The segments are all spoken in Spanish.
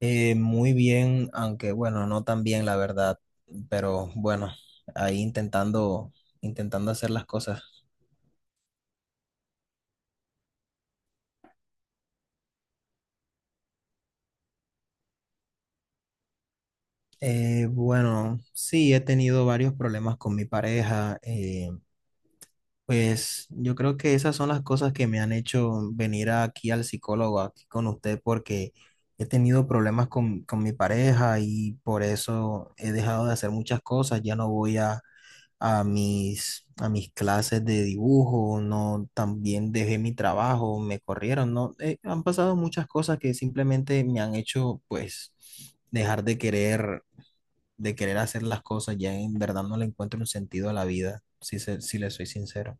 Muy bien, aunque bueno, no tan bien la verdad, pero bueno, ahí intentando, intentando hacer las cosas. Bueno, sí, he tenido varios problemas con mi pareja. Pues yo creo que esas son las cosas que me han hecho venir aquí al psicólogo, aquí con usted, porque he tenido problemas con mi pareja y por eso he dejado de hacer muchas cosas. Ya no voy a a mis clases de dibujo, no, también dejé mi trabajo, me corrieron, no. Han pasado muchas cosas que simplemente me han hecho, pues, dejar de querer hacer las cosas, ya en verdad no le encuentro un sentido a la vida, si le soy sincero.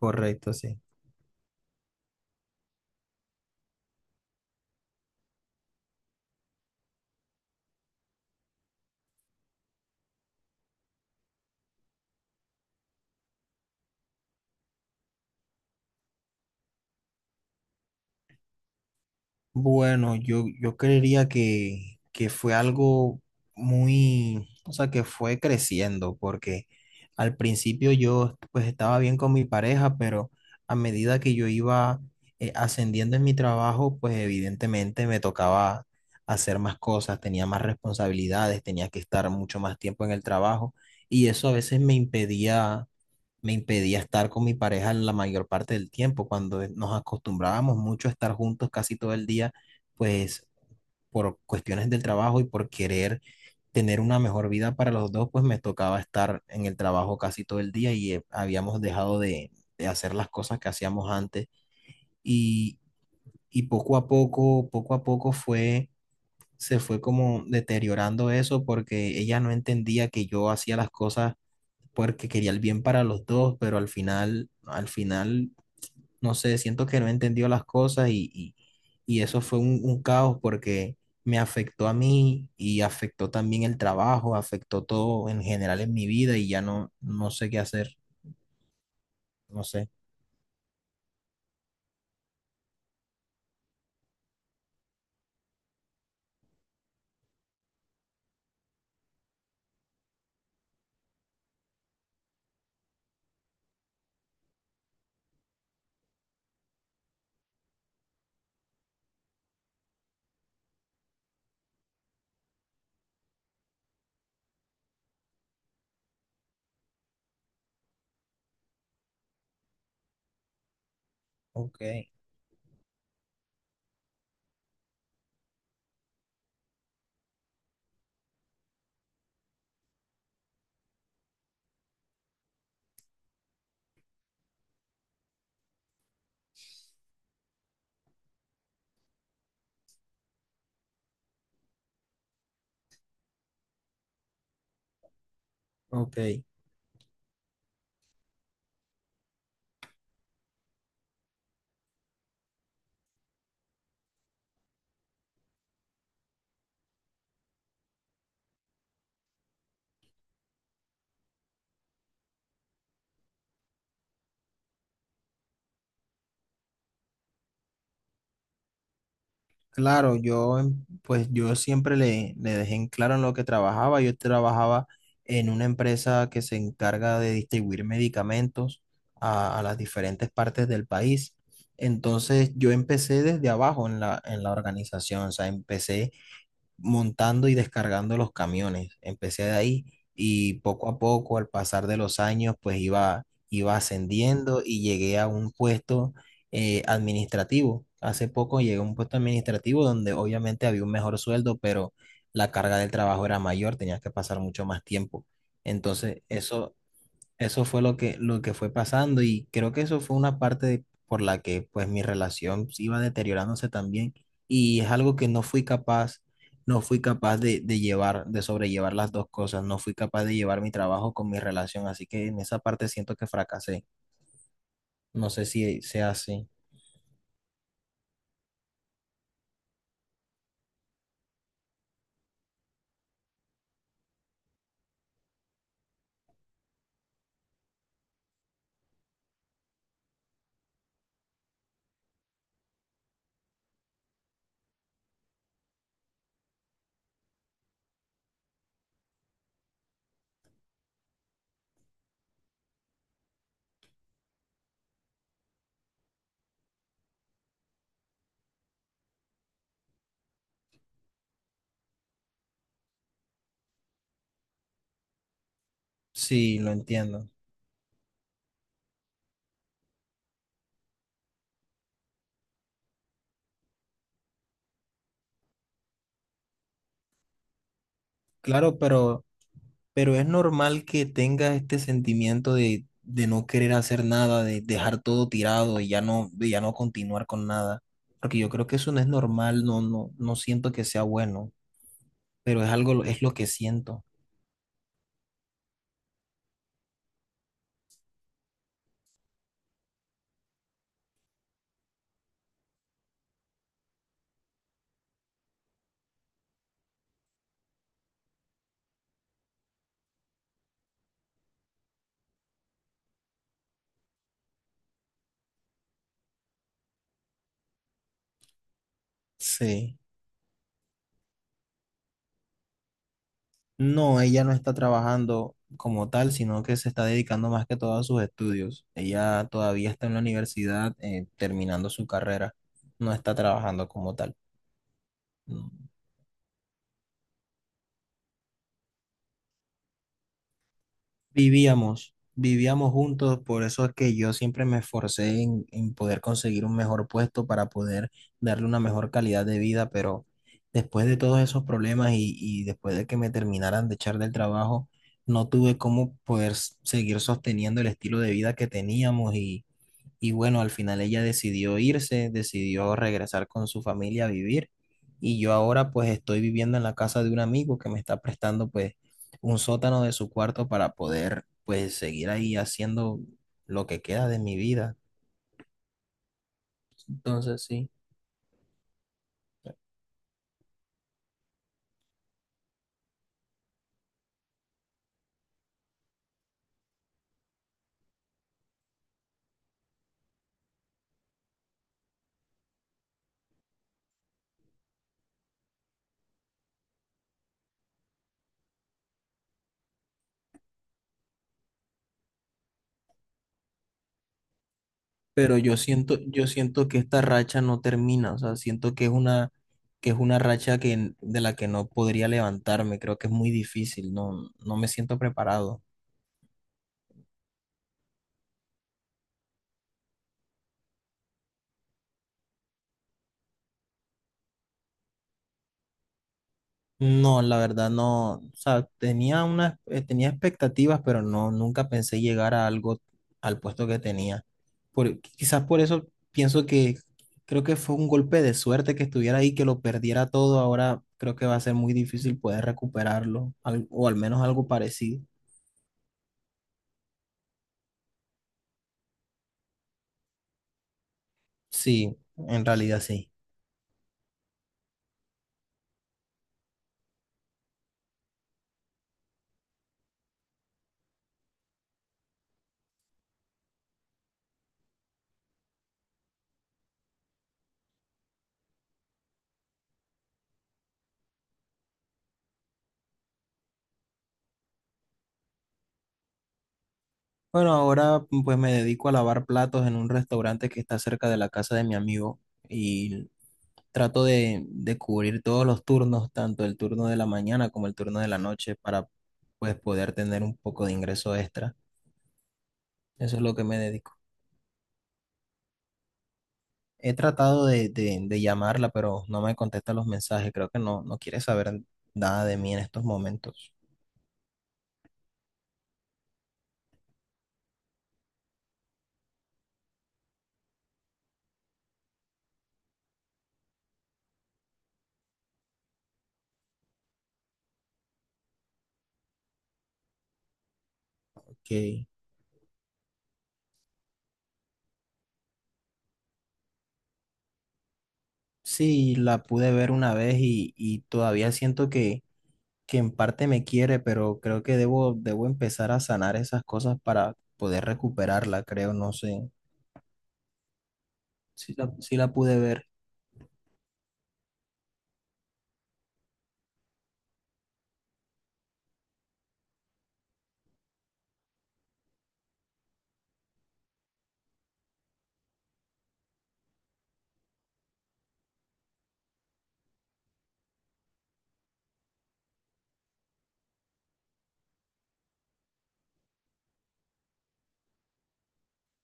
Correcto, sí. Bueno, yo creería que fue algo muy, o sea, que fue creciendo, porque al principio yo pues estaba bien con mi pareja, pero a medida que yo iba ascendiendo en mi trabajo, pues evidentemente me tocaba hacer más cosas, tenía más responsabilidades, tenía que estar mucho más tiempo en el trabajo y eso a veces me impedía estar con mi pareja la mayor parte del tiempo. Cuando nos acostumbrábamos mucho a estar juntos casi todo el día, pues por cuestiones del trabajo y por querer tener una mejor vida para los dos, pues me tocaba estar en el trabajo casi todo el día y habíamos dejado de hacer las cosas que hacíamos antes. Y, y poco a poco fue, se fue como deteriorando eso porque ella no entendía que yo hacía las cosas porque quería el bien para los dos, pero al final, no sé, siento que no entendió las cosas y eso fue un caos porque me afectó a mí y afectó también el trabajo, afectó todo en general en mi vida y ya no, no sé qué hacer, no sé. Ok, ok. Claro, yo pues yo siempre le dejé en claro en lo que trabajaba. Yo trabajaba en una empresa que se encarga de distribuir medicamentos a las diferentes partes del país. Entonces yo empecé desde abajo en en la organización, o sea, empecé montando y descargando los camiones. Empecé de ahí y poco a poco, al pasar de los años, pues iba, iba ascendiendo y llegué a un puesto administrativo. Hace poco llegué a un puesto administrativo donde obviamente había un mejor sueldo, pero la carga del trabajo era mayor, tenías que pasar mucho más tiempo. Entonces, eso fue lo que fue pasando y creo que eso fue una parte por la que pues mi relación se iba deteriorándose también y es algo que no fui capaz, no fui capaz de llevar, de sobrellevar las dos cosas, no fui capaz de llevar mi trabajo con mi relación, así que en esa parte siento que fracasé. No sé si sea así. Sí, lo entiendo. Claro, pero... Pero es normal que tengas este sentimiento de no querer hacer nada, de dejar todo tirado y ya no, de ya no continuar con nada. Porque yo creo que eso no es normal, no, no, no siento que sea bueno, pero es algo, es lo que siento. Sí. No, ella no está trabajando como tal, sino que se está dedicando más que todo a sus estudios. Ella todavía está en la universidad, terminando su carrera. No está trabajando como tal. Vivíamos, vivíamos juntos, por eso es que yo siempre me esforcé en poder conseguir un mejor puesto para poder darle una mejor calidad de vida, pero después de todos esos problemas y después de que me terminaran de echar del trabajo, no tuve cómo poder seguir sosteniendo el estilo de vida que teníamos y bueno, al final ella decidió irse, decidió regresar con su familia a vivir. Y yo ahora pues estoy viviendo en la casa de un amigo que me está prestando pues un sótano de su cuarto para poder pues seguir ahí haciendo lo que queda de mi vida. Entonces sí, pero yo siento que esta racha no termina, o sea, siento que es una racha que, de la que no podría levantarme, creo que es muy difícil, no, no me siento preparado. No, la verdad no, o sea, tenía una, tenía expectativas, pero no, nunca pensé llegar a algo, al puesto que tenía. Por, quizás por eso pienso que creo que fue un golpe de suerte que estuviera ahí, que lo perdiera todo. Ahora creo que va a ser muy difícil poder recuperarlo, o al menos algo parecido. Sí, en realidad sí. Bueno, ahora pues me dedico a lavar platos en un restaurante que está cerca de la casa de mi amigo y trato de cubrir todos los turnos, tanto el turno de la mañana como el turno de la noche, para pues poder tener un poco de ingreso extra. Eso es lo que me dedico. He tratado de llamarla, pero no me contesta los mensajes. Creo que no, no quiere saber nada de mí en estos momentos. Que sí, la pude ver una vez y todavía siento que en parte me quiere, pero creo que debo, debo empezar a sanar esas cosas para poder recuperarla, creo, no sé. Sí la pude ver,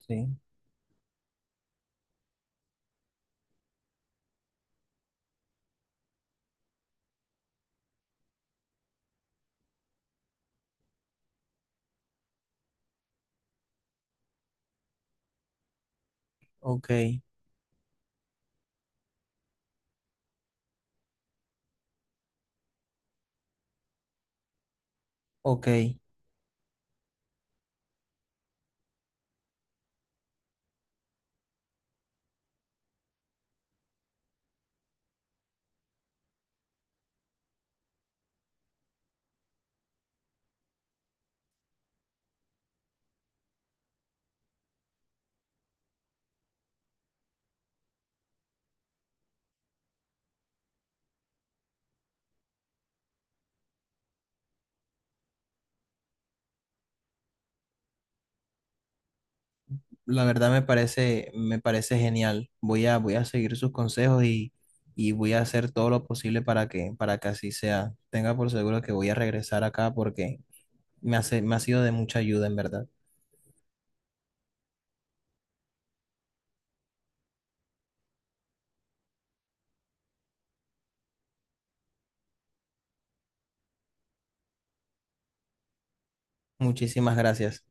sí. Ok, ok. La verdad me parece genial. Voy a seguir sus consejos y voy a hacer todo lo posible para que así sea. Tenga por seguro que voy a regresar acá porque me hace, me ha sido de mucha ayuda, en verdad. Muchísimas gracias.